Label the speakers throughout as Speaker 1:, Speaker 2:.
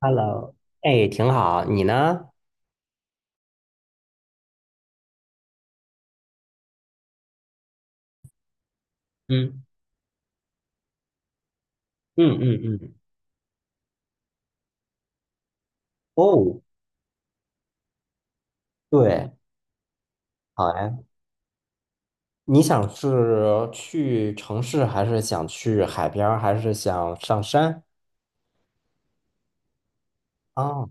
Speaker 1: Hello，哎，挺好，你呢？嗯嗯嗯嗯，哦，对，好呀。你想是去城市，还是想去海边儿，还是想上山？啊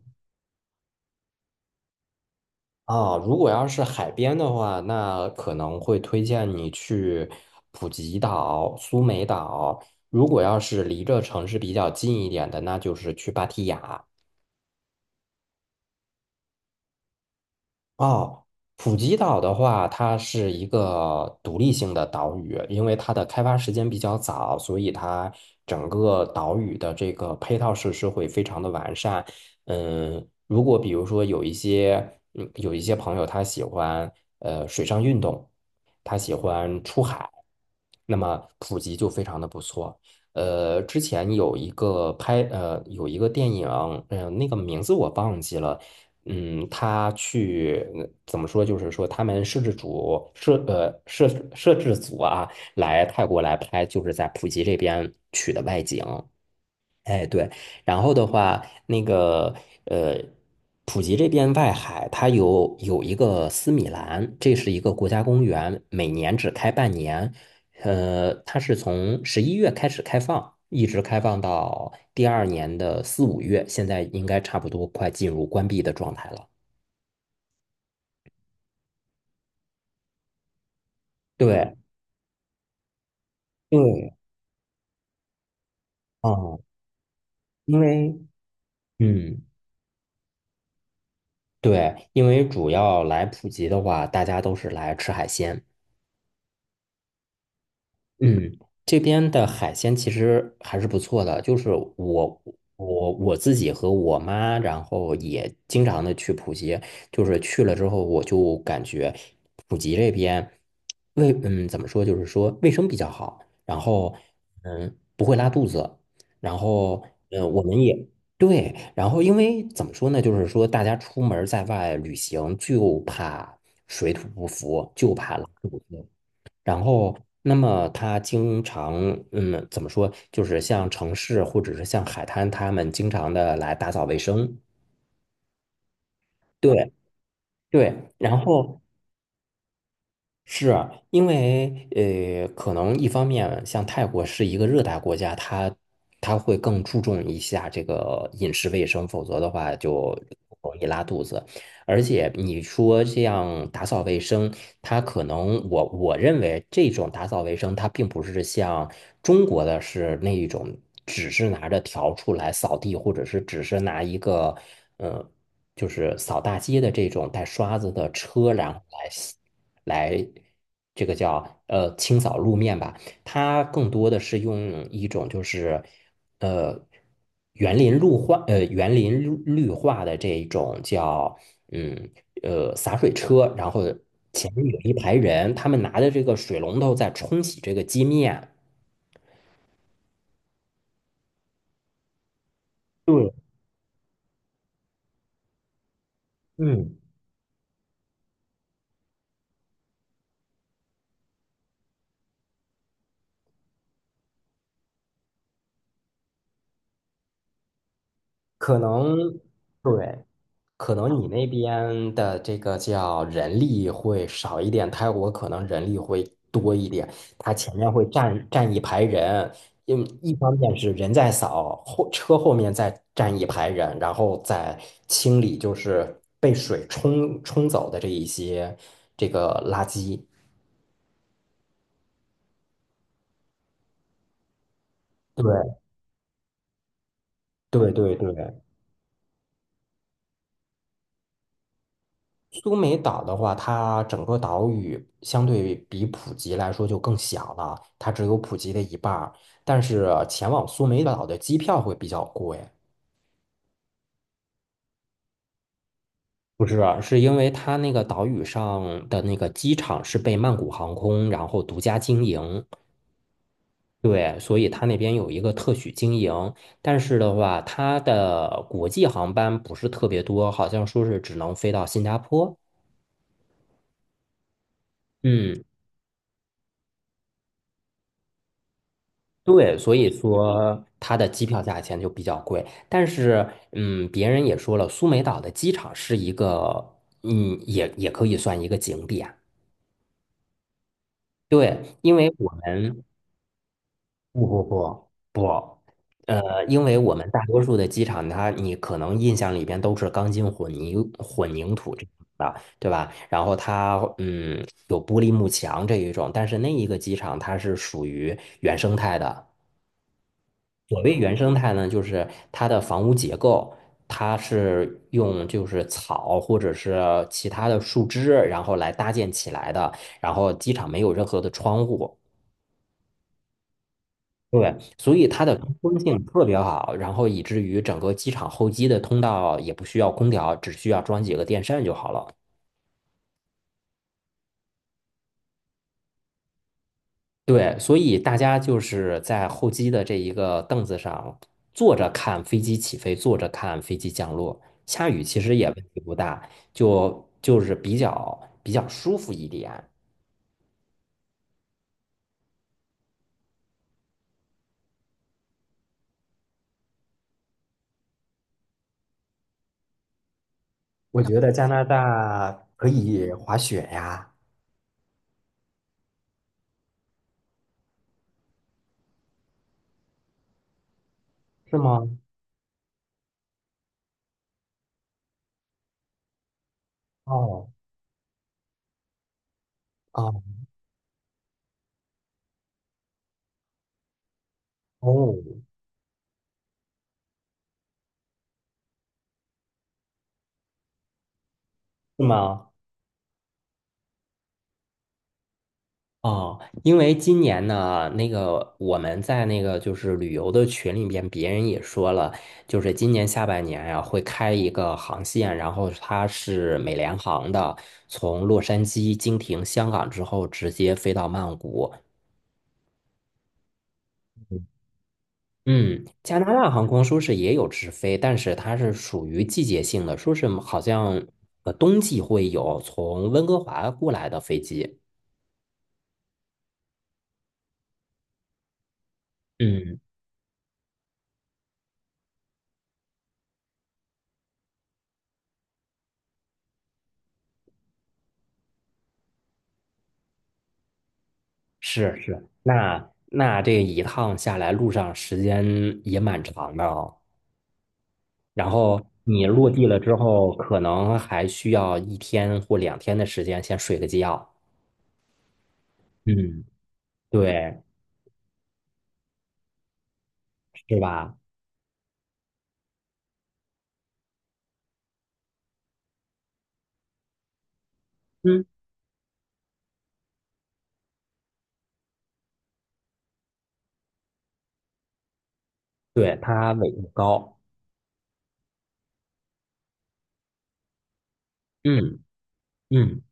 Speaker 1: 哦，如果要是海边的话，那可能会推荐你去普吉岛、苏梅岛。如果要是离这城市比较近一点的，那就是去芭提雅。哦，普吉岛的话，它是一个独立性的岛屿，因为它的开发时间比较早，所以它整个岛屿的这个配套设施会非常的完善。嗯，如果比如说有一些，有一些朋友他喜欢水上运动，他喜欢出海，那么普吉就非常的不错。之前有一个拍呃有一个电影，那个名字我忘记了。他去嗯怎么说？就是说，他们摄制组啊，来泰国来拍，就是在普吉这边取的外景。哎，对，然后的话，那个呃，普吉这边外海，它有一个斯米兰，这是一个国家公园，每年只开半年。它是从11月开始开放，一直开放到第二年的4、5月，现在应该差不多快进入关闭的状态了。对对，啊，因为嗯，对，因为主要来普及的话，大家都是来吃海鲜。嗯，这边的海鲜其实还是不错的，就是我我自己和我妈，然后也经常的去普吉，就是去了之后，我就感觉普吉这边怎么说，就是说卫生比较好，然后不会拉肚子，然后我们也对，然后因为怎么说呢，就是说大家出门在外旅行就怕水土不服，就怕拉肚子。然后，那么他经常，嗯，怎么说，就是像城市或者是像海滩，他们经常的来打扫卫生。对对，然后是啊因为可能一方面像泰国是一个热带国家，它会更注重一下这个饮食卫生，否则的话就容易拉肚子。而且你说这样打扫卫生，它可能我认为这种打扫卫生，它并不是像中国的是那一种，只是拿着笤帚来扫地，或者是只是拿一个呃，就是扫大街的这种带刷子的车，然后来这个叫清扫路面吧。它更多的是用一种就是呃园林绿化呃园林绿绿化的这一种叫嗯洒水车，然后前面有一排人，他们拿着这个水龙头在冲洗这个街面。对，嗯。可能对，可能你那边的这个叫人力会少一点，泰国可能人力会多一点。它前面会站一排人，因为一方面是人在扫，后车后面再站一排人，然后再清理就是被水冲走的这一些这个垃圾。对对对对，苏梅岛的话，它整个岛屿相对比普吉来说就更小了，它只有普吉的一半儿。但是前往苏梅岛的机票会比较贵，不是啊，是因为它那个岛屿上的那个机场是被曼谷航空然后独家经营，对，所以它那边有一个特许经营。但是的话，它的国际航班不是特别多，好像说是只能飞到新加坡。嗯，对，所以说它的机票价钱就比较贵，但是，嗯，别人也说了，苏梅岛的机场是一个，嗯，也可以算一个景点。对，因为我们 不不不不，因为我们大多数的机场它，你可能印象里边都是钢筋混凝土这种的，对吧？然后它，嗯，有玻璃幕墙这一种，但是那一个机场它是属于原生态的。所谓原生态呢，就是它的房屋结构，它是用就是草或者是其他的树枝，然后来搭建起来的。然后机场没有任何的窗户，对，所以它的通风性特别好，然后以至于整个机场候机的通道也不需要空调，只需要装几个电扇就好了。对，所以大家就是在候机的这一个凳子上坐着看飞机起飞，坐着看飞机降落。下雨其实也问题不大，就是比较舒服一点。我觉得加拿大可以滑雪呀，是吗？哦哦哦，是吗？哦，因为今年呢，那个我们在那个就是旅游的群里边，别人也说了，就是今年下半年呀、会开一个航线，然后它是美联航的，从洛杉矶经停香港之后，直接飞到曼谷。嗯，加拿大航空说是也有直飞，但是它是属于季节性的，说是好像冬季会有从温哥华过来的飞机。嗯。是是，那这一趟下来，路上时间也蛮长的哦。然后你落地了之后，可能还需要一天或两天的时间先睡个觉。嗯，对，是吧？嗯，对，它纬度高。嗯嗯，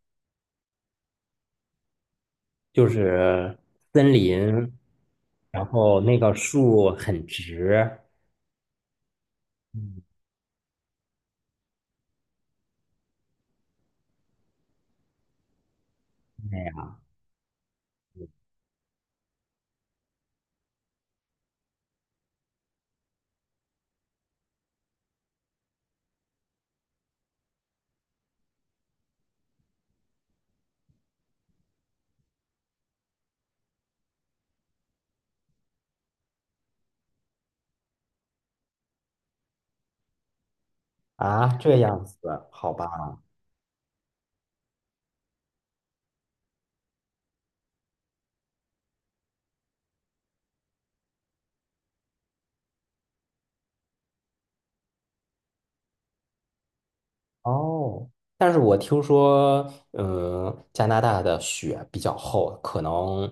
Speaker 1: 就是森林，然后那个树很直。嗯，那样啊，这样子，好吧。哦，但是我听说，嗯，加拿大的雪比较厚，可能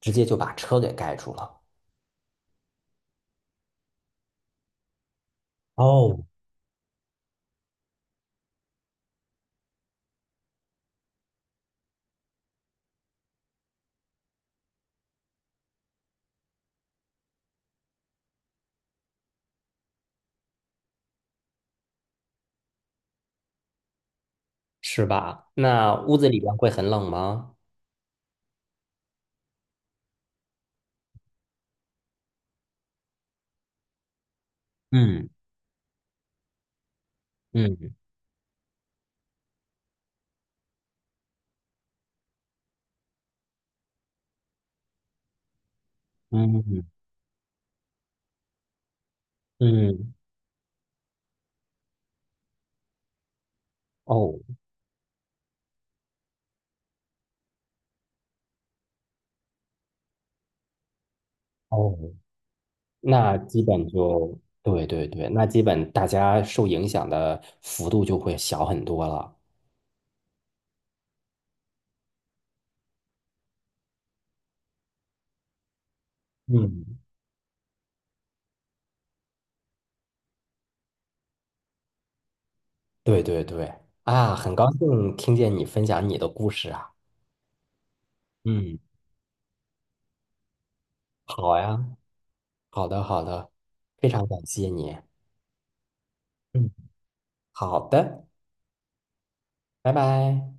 Speaker 1: 直接就把车给盖住了，哦，是吧？那屋子里边会很冷吗？嗯嗯嗯嗯，嗯。哦哦，那基本就对对对，那基本大家受影响的幅度就会小很多了。嗯对对对，啊，很高兴听见你分享你的故事啊。嗯，好呀。好的，好的，非常感谢你。嗯，好的，拜拜。